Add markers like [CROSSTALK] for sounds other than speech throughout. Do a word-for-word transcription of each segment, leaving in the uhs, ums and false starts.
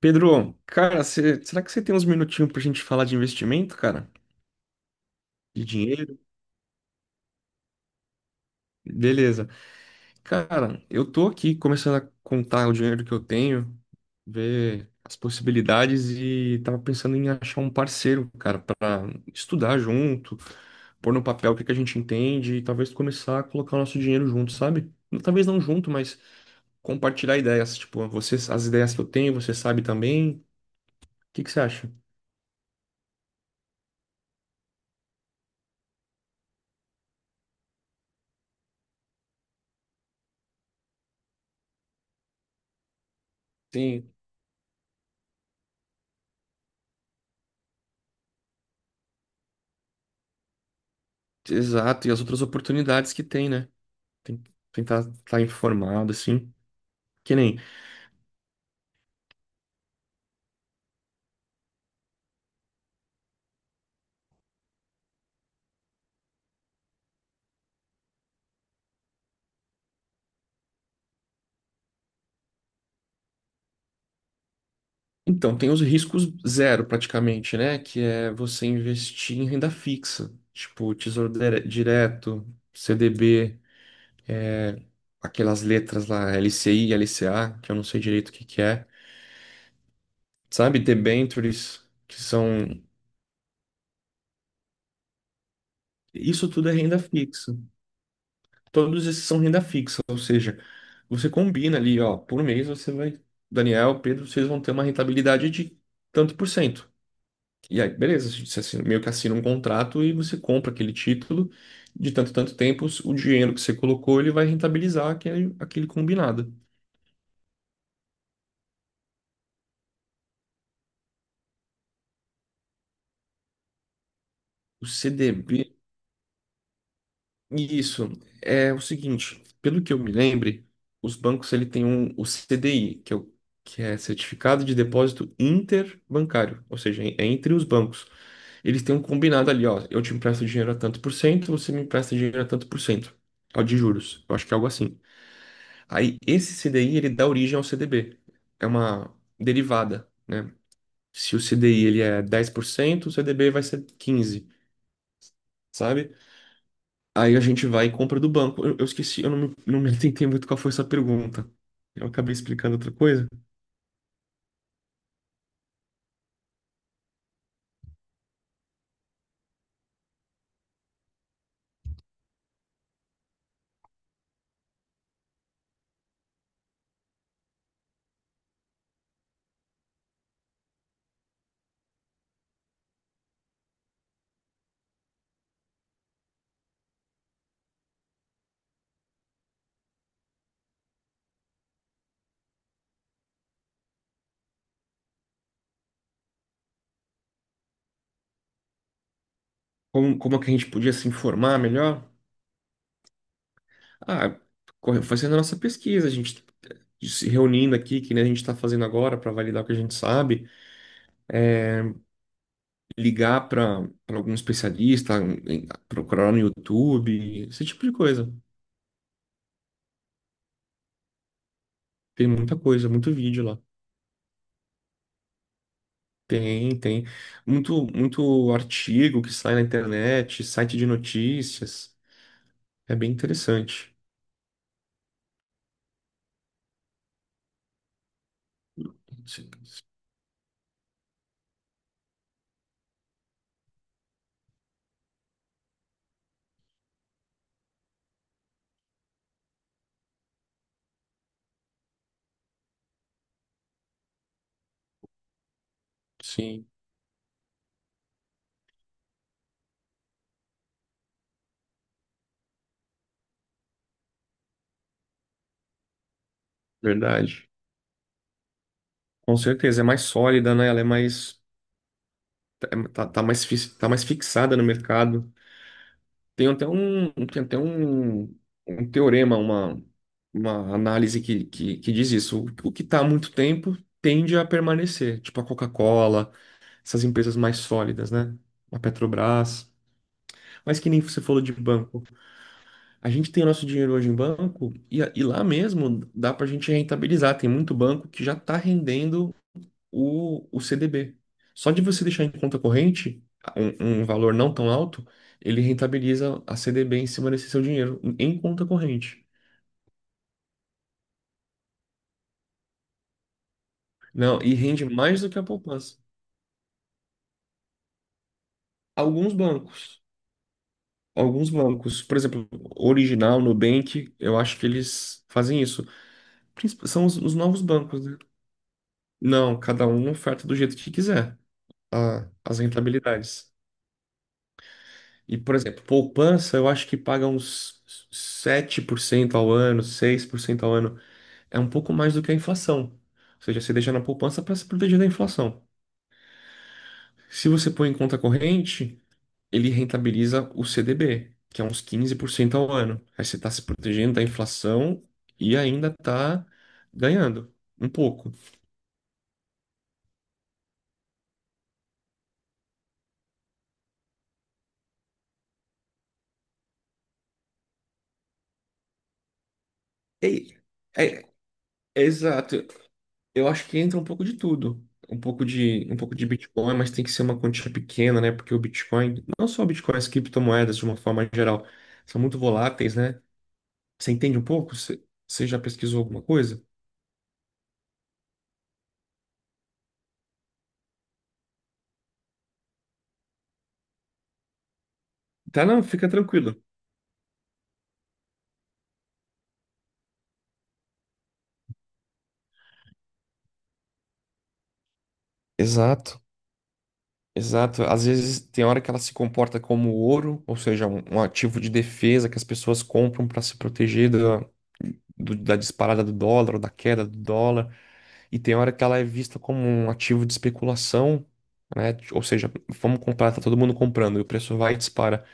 Pedro, cara, cê- será que você tem uns minutinhos pra gente falar de investimento, cara? De dinheiro? Beleza. Cara, eu tô aqui começando a contar o dinheiro que eu tenho, ver as possibilidades e tava pensando em achar um parceiro, cara, pra estudar junto, pôr no papel o que que a gente entende e talvez começar a colocar o nosso dinheiro junto, sabe? Talvez não junto, mas compartilhar ideias, tipo, você, as ideias que eu tenho, você sabe também. O que que você acha? Sim, exato, e as outras oportunidades que tem, né? Tem- tentar estar informado, assim. Que nem. Então, tem os riscos zero, praticamente, né? Que é você investir em renda fixa, tipo Tesouro Dire- Direto, C D B, aquelas letras lá, L C I, L C A, que eu não sei direito o que que é. Sabe? Debentures, que são. Isso tudo é renda fixa. Todos esses são renda fixa, ou seja, você combina ali, ó, por mês você vai. Daniel, Pedro, vocês vão ter uma rentabilidade de tanto por cento. E aí, beleza, você assina- meio que assina um contrato e você compra aquele título. De tanto, tanto tempo, o dinheiro que você colocou, ele vai rentabilizar aquele, aquele combinado. O C D B, isso, é o seguinte, pelo que eu me lembre, os bancos, ele tem um, o C D I, que é, o, que é Certificado de Depósito Interbancário, ou seja, é entre os bancos. Eles têm um combinado ali, ó, eu te empresto dinheiro a tanto por cento, você me empresta dinheiro a tanto por cento, ó, de juros. Eu acho que é algo assim. Aí esse C D I ele dá origem ao C D B. É uma derivada, né? Se o C D I ele é dez por cento, o C D B vai ser quinze, sabe? Aí a gente vai e compra do banco. Eu, eu esqueci, eu não me, não me [LAUGHS] atentei muito qual foi essa pergunta. Eu acabei explicando outra coisa. Como, como é que a gente podia se informar melhor? Ah, corre- fazendo a nossa pesquisa, a gente se reunindo aqui, que nem a gente está fazendo agora para validar o que a gente sabe, ligar para algum especialista, em- procurar no YouTube, esse tipo de coisa. Tem muita coisa, muito vídeo lá. Tem, tem. Muito, muito artigo que sai na internet, site de notícias. É bem interessante. Sim, sim, verdade. Com certeza, é mais sólida, né? Ela é mais, é- tá, tá mais, fis- tá mais fixada no mercado. Tem até um, tem até um, um teorema, uma, uma análise que, que, que diz isso. O, o que está há muito tempo tende a permanecer, tipo a Coca-Cola, essas empresas mais sólidas, né? A Petrobras. Mas que nem você falou de banco. A gente tem o nosso dinheiro hoje em banco e, a- e lá mesmo dá para a gente rentabilizar. Tem muito banco que já está rendendo o, o C D B. Só de você deixar em conta corrente um, um valor não tão alto, ele rentabiliza a C D B em cima desse seu dinheiro, em conta corrente. Não, e rende mais do que a poupança. Alguns bancos, alguns bancos, por exemplo, Original, Nubank, eu acho que eles fazem isso. Princip- São os, os novos bancos, né? Não, cada um oferta do jeito que quiser a- as rentabilidades. E, por exemplo, poupança, eu acho que paga uns sete por cento ao ano, seis por cento ao ano. É um pouco mais do que a inflação. Ou seja, você deixa na poupança para se proteger da inflação. Se você põe em conta corrente, ele rentabiliza o C D B, que é uns quinze por cento ao ano. Aí você está se protegendo da inflação e ainda está ganhando um pouco. É, é- é exato. Eu acho que entra um pouco de tudo. Um pouco de, um pouco de Bitcoin, mas tem que ser uma quantia pequena, né? Porque o Bitcoin, não só o Bitcoin, as criptomoedas de uma forma geral, são muito voláteis, né? Você entende um pouco? Você você já pesquisou alguma coisa? Tá, não, fica tranquilo. Exato, exato. Às vezes tem hora que ela se comporta como ouro, ou seja, um, um ativo de defesa que as pessoas compram para se proteger da, do- da disparada do dólar ou da queda do dólar. E tem hora que ela é vista como um ativo de especulação, né? Ou seja, vamos comprar, tá todo mundo comprando e o preço vai e dispara.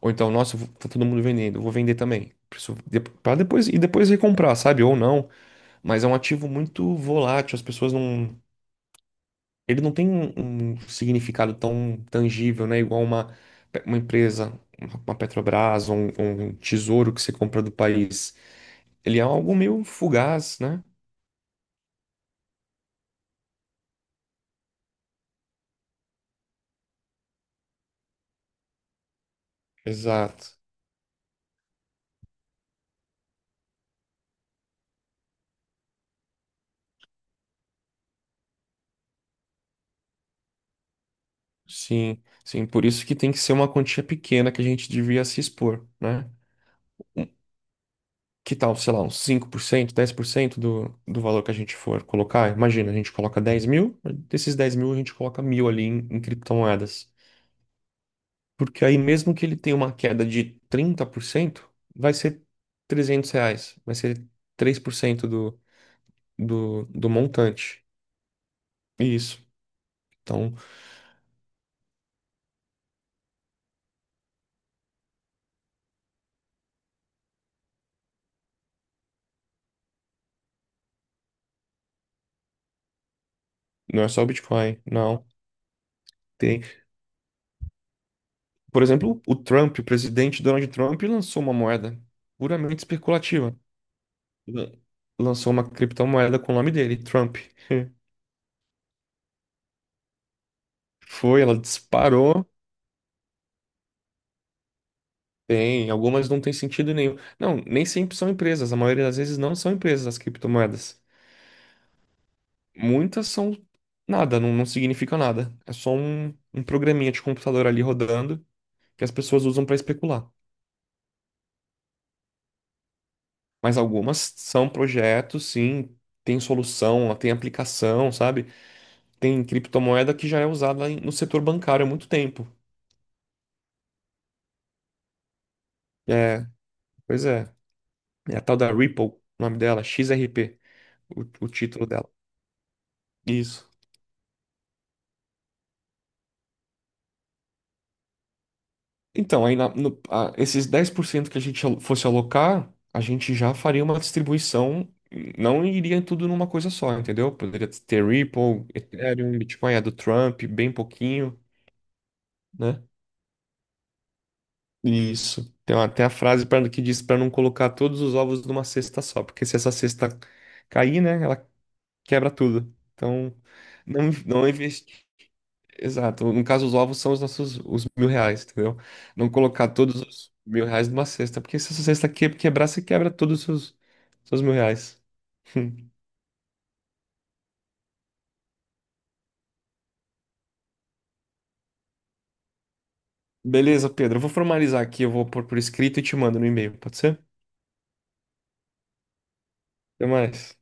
Ou então, nossa, vou- tá todo mundo vendendo, eu vou vender também. Preço de- Pra depois e depois recomprar, sabe? Ou não. Mas é um ativo muito volátil, as pessoas não. Ele não tem um, um significado tão tangível, né? Igual uma, uma empresa, uma Petrobras, um, um tesouro que você compra do país. Ele é algo meio fugaz, né? Exato. Sim, sim, por isso que tem que ser uma quantia pequena que a gente devia se expor, né? Um- Que tal, sei lá, uns cinco por cento dez por cento do, do valor que a gente for colocar? Imagina, a gente coloca dez mil, desses dez mil a gente coloca mil ali em, em criptomoedas. Porque aí mesmo que ele tenha uma queda de trinta por cento vai ser trezentos reais, vai ser três por cento do, do, do montante. Isso. Então, não é só o Bitcoin, não. Tem. Por exemplo, o Trump, o presidente Donald Trump, lançou uma moeda puramente especulativa. Lan- Lançou uma criptomoeda com o nome dele, Trump. [LAUGHS] Foi, ela disparou. Tem, algumas não tem sentido nenhum. Não, nem sempre são empresas. A maioria das vezes não são empresas as criptomoedas. Muitas são nada, não, não significa nada. É só um, um programinha de computador ali rodando que as pessoas usam para especular. Mas algumas são projetos, sim, tem solução, tem aplicação, sabe? Tem criptomoeda que já é usada em- no setor bancário há muito tempo. É, pois é. É a tal da Ripple, o nome dela, X R P, o, o título dela. Isso. Então, aí na- no- a- esses dez por cento que a gente al- fosse alocar, a gente já faria uma distribuição, não iria tudo numa coisa só, entendeu? Poderia ter Ripple, Ethereum, Bitcoin, a do Trump, bem pouquinho, né? Isso. Tem até a frase pra, que diz para não colocar todos os ovos numa cesta só, porque se essa cesta cair, né, ela quebra tudo. Então, não, não investir. Exato. No caso, os ovos são os nossos os mil reais, entendeu? Não colocar todos os mil reais numa cesta, porque se essa cesta que- quebrar, você quebra todos os seus, seus mil reais. [LAUGHS] Beleza, Pedro. Eu vou formalizar aqui, eu vou pôr por escrito e te mando no e-mail, pode ser? Até mais.